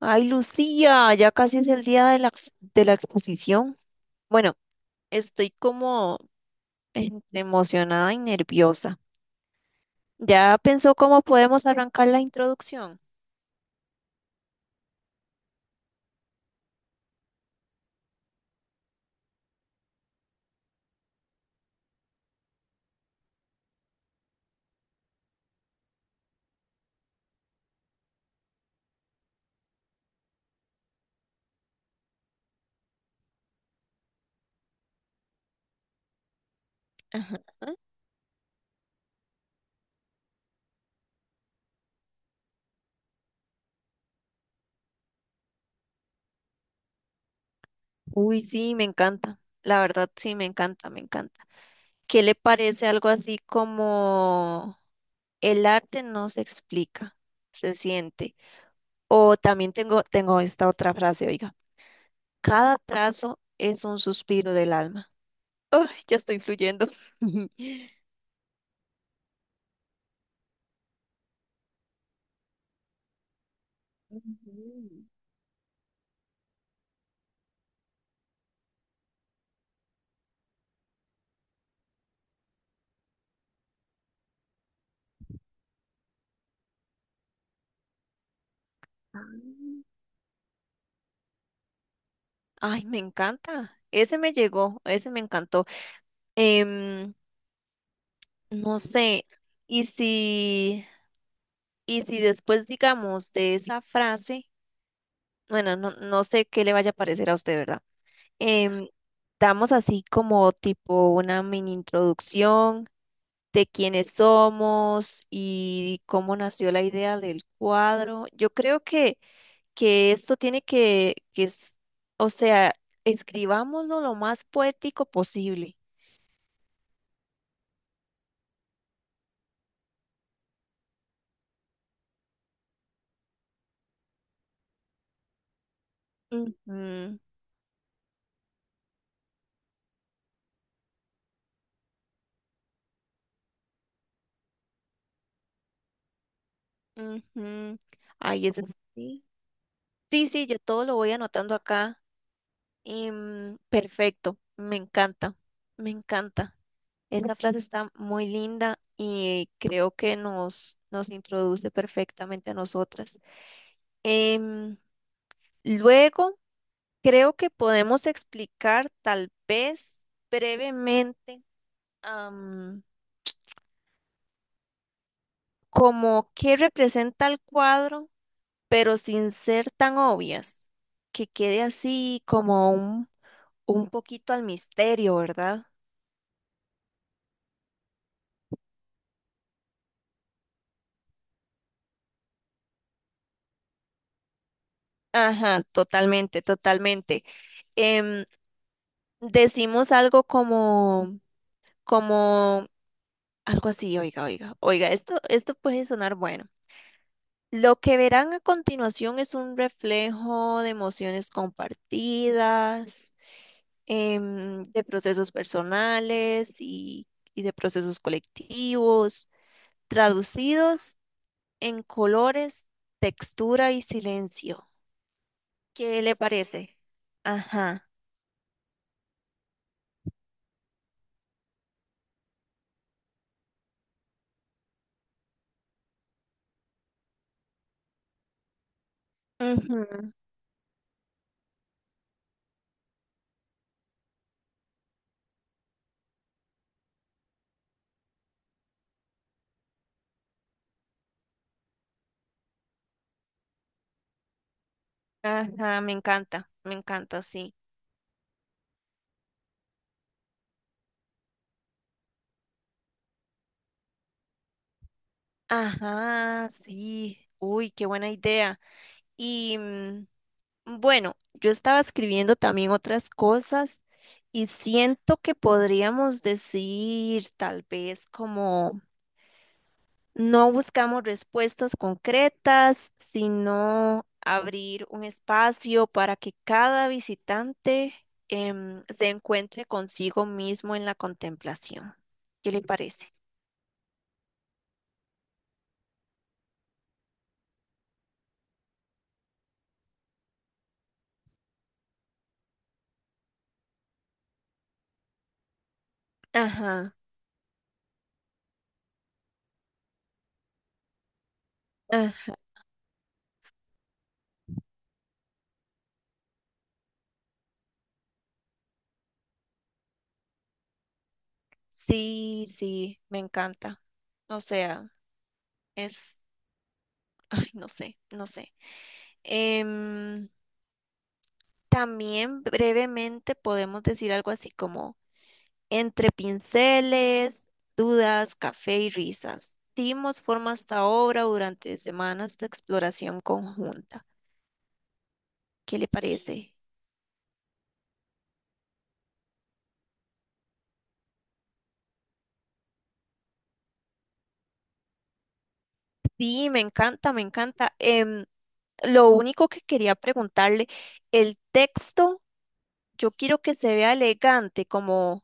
Ay, Lucía, ya casi es el día de de la exposición. Bueno, estoy como entre emocionada y nerviosa. ¿Ya pensó cómo podemos arrancar la introducción? Ajá. Uy, sí, me encanta. La verdad, sí, me encanta, me encanta. ¿Qué le parece algo así como el arte no se explica, se siente? O también tengo esta otra frase, oiga, cada trazo es un suspiro del alma. Ay, ya estoy fluyendo. Mm. Ah. Ay, me encanta. Ese me llegó, ese me encantó. Em, no sé, y si, y si después, digamos, de esa frase, bueno, no, no sé qué le vaya a parecer a usted, ¿verdad? Em, Damos así como tipo una mini introducción de quiénes somos y cómo nació la idea del cuadro. Yo creo que esto tiene que es, o sea, escribámoslo lo más poético posible. Ujú, ujú. Ay, ese es- sí. Sí, sí, yo todo lo voy anotando acá. Y, mm, perfecto, me encanta, me encanta. Esa frase está muy linda y creo que nos introduce perfectamente a nosotras. Em, Luego, creo que podemos explicar tal vez brevemente, am, como qué representa el cuadro, pero sin ser tan obvias, que quede así como un poquito al misterio, ¿verdad? Ajá, totalmente, totalmente. Em, Decimos algo como, como, algo así, oiga, oiga, oiga, esto puede sonar bueno. Lo que verán a continuación es un reflejo de emociones compartidas, de procesos personales y de procesos colectivos, traducidos en colores, textura y silencio. ¿Qué le parece? Ajá. Ujú. Ajá, me encanta, sí. Ajá, sí. Uy, qué buena idea. Y mm, bueno, yo estaba escribiendo también otras cosas y siento que podríamos decir tal vez como no buscamos respuestas concretas, sino abrir un espacio para que cada visitante, se encuentre consigo mismo en la contemplación. ¿Qué le parece? Ajá, ah, sí, sí, me encanta. O sea, es, ay, no sé, no sé. Em, También brevemente podemos decir algo así como entre pinceles, dudas, café y risas. Dimos forma a esta obra durante semanas de exploración conjunta. ¿Qué le parece? Sí, me encanta, me encanta. Lo único que quería preguntarle, el texto, yo quiero que se vea elegante, como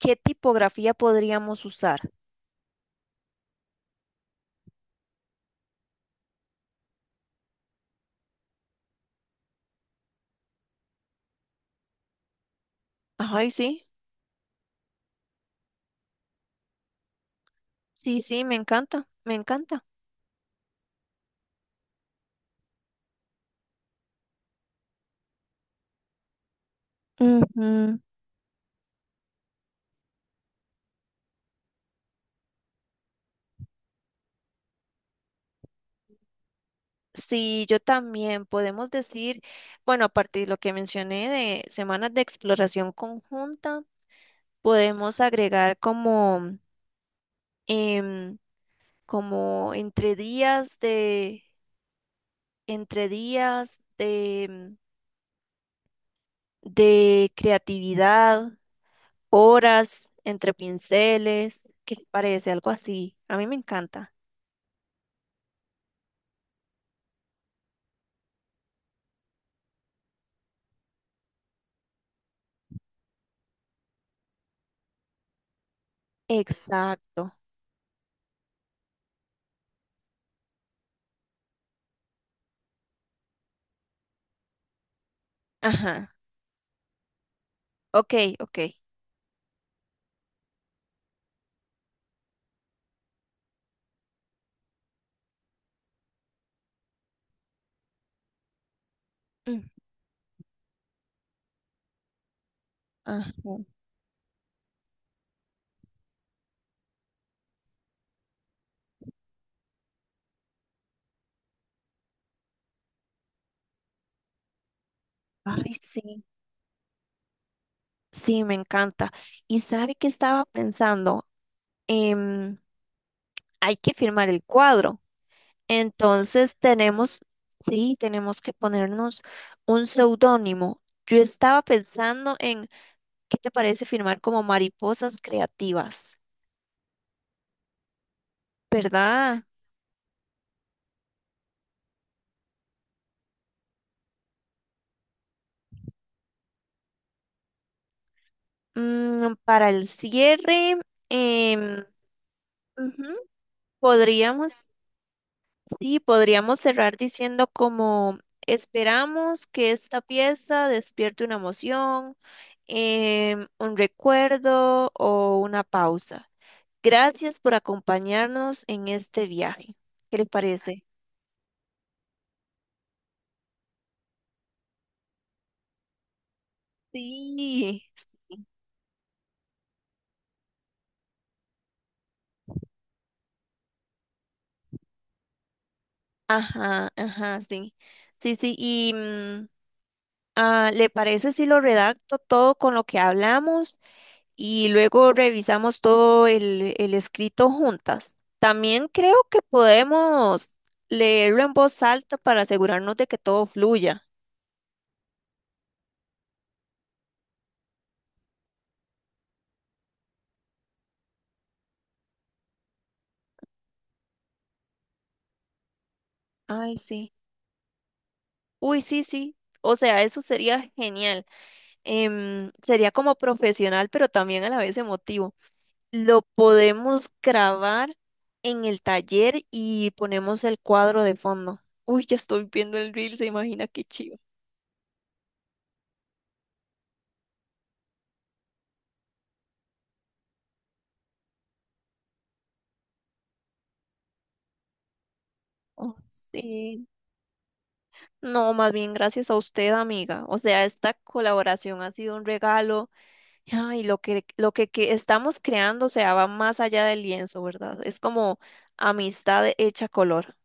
qué tipografía podríamos usar. Ay, sí, sí, sí, me encanta, me encanta. Ujú. Sí, yo también podemos decir, bueno, a partir de lo que mencioné de semanas de exploración conjunta, podemos agregar como, em, como entre días de, de creatividad, horas entre pinceles, ¿qué te parece? Algo así. A mí me encanta. Exacto. Ajá. Ok, ok. Ajá. Ay, sí, sí, me encanta. Y sabe que estaba pensando, Em, hay que firmar el cuadro. Entonces tenemos, sí, tenemos que ponernos un seudónimo. Yo estaba pensando en, ¿qué te parece firmar como mariposas creativas? ¿Verdad? Mm, para el cierre, em, ujú, podríamos sí, podríamos cerrar diciendo como esperamos que esta pieza despierte una emoción, un recuerdo o una pausa. Gracias por acompañarnos en este viaje. ¿Qué le parece? Sí, ajá, ajá, sí. Sí, sí, ¿le parece si lo redacto todo con lo que hablamos? Y luego revisamos todo el escrito juntas. También creo que podemos leerlo en voz alta para asegurarnos de que todo fluya. Ay, sí. Uy, sí, sí. O sea, eso sería genial. Sería como profesional, pero también a la vez emotivo. Lo podemos grabar en el taller y ponemos el cuadro de fondo. Uy, ya estoy viendo el reel, se imagina qué chido. Oh, sí. No, más bien gracias a usted, amiga. O sea, esta colaboración ha sido un regalo. Ay, que estamos creando, o sea, va más allá del lienzo, ¿verdad? Es como amistad hecha color.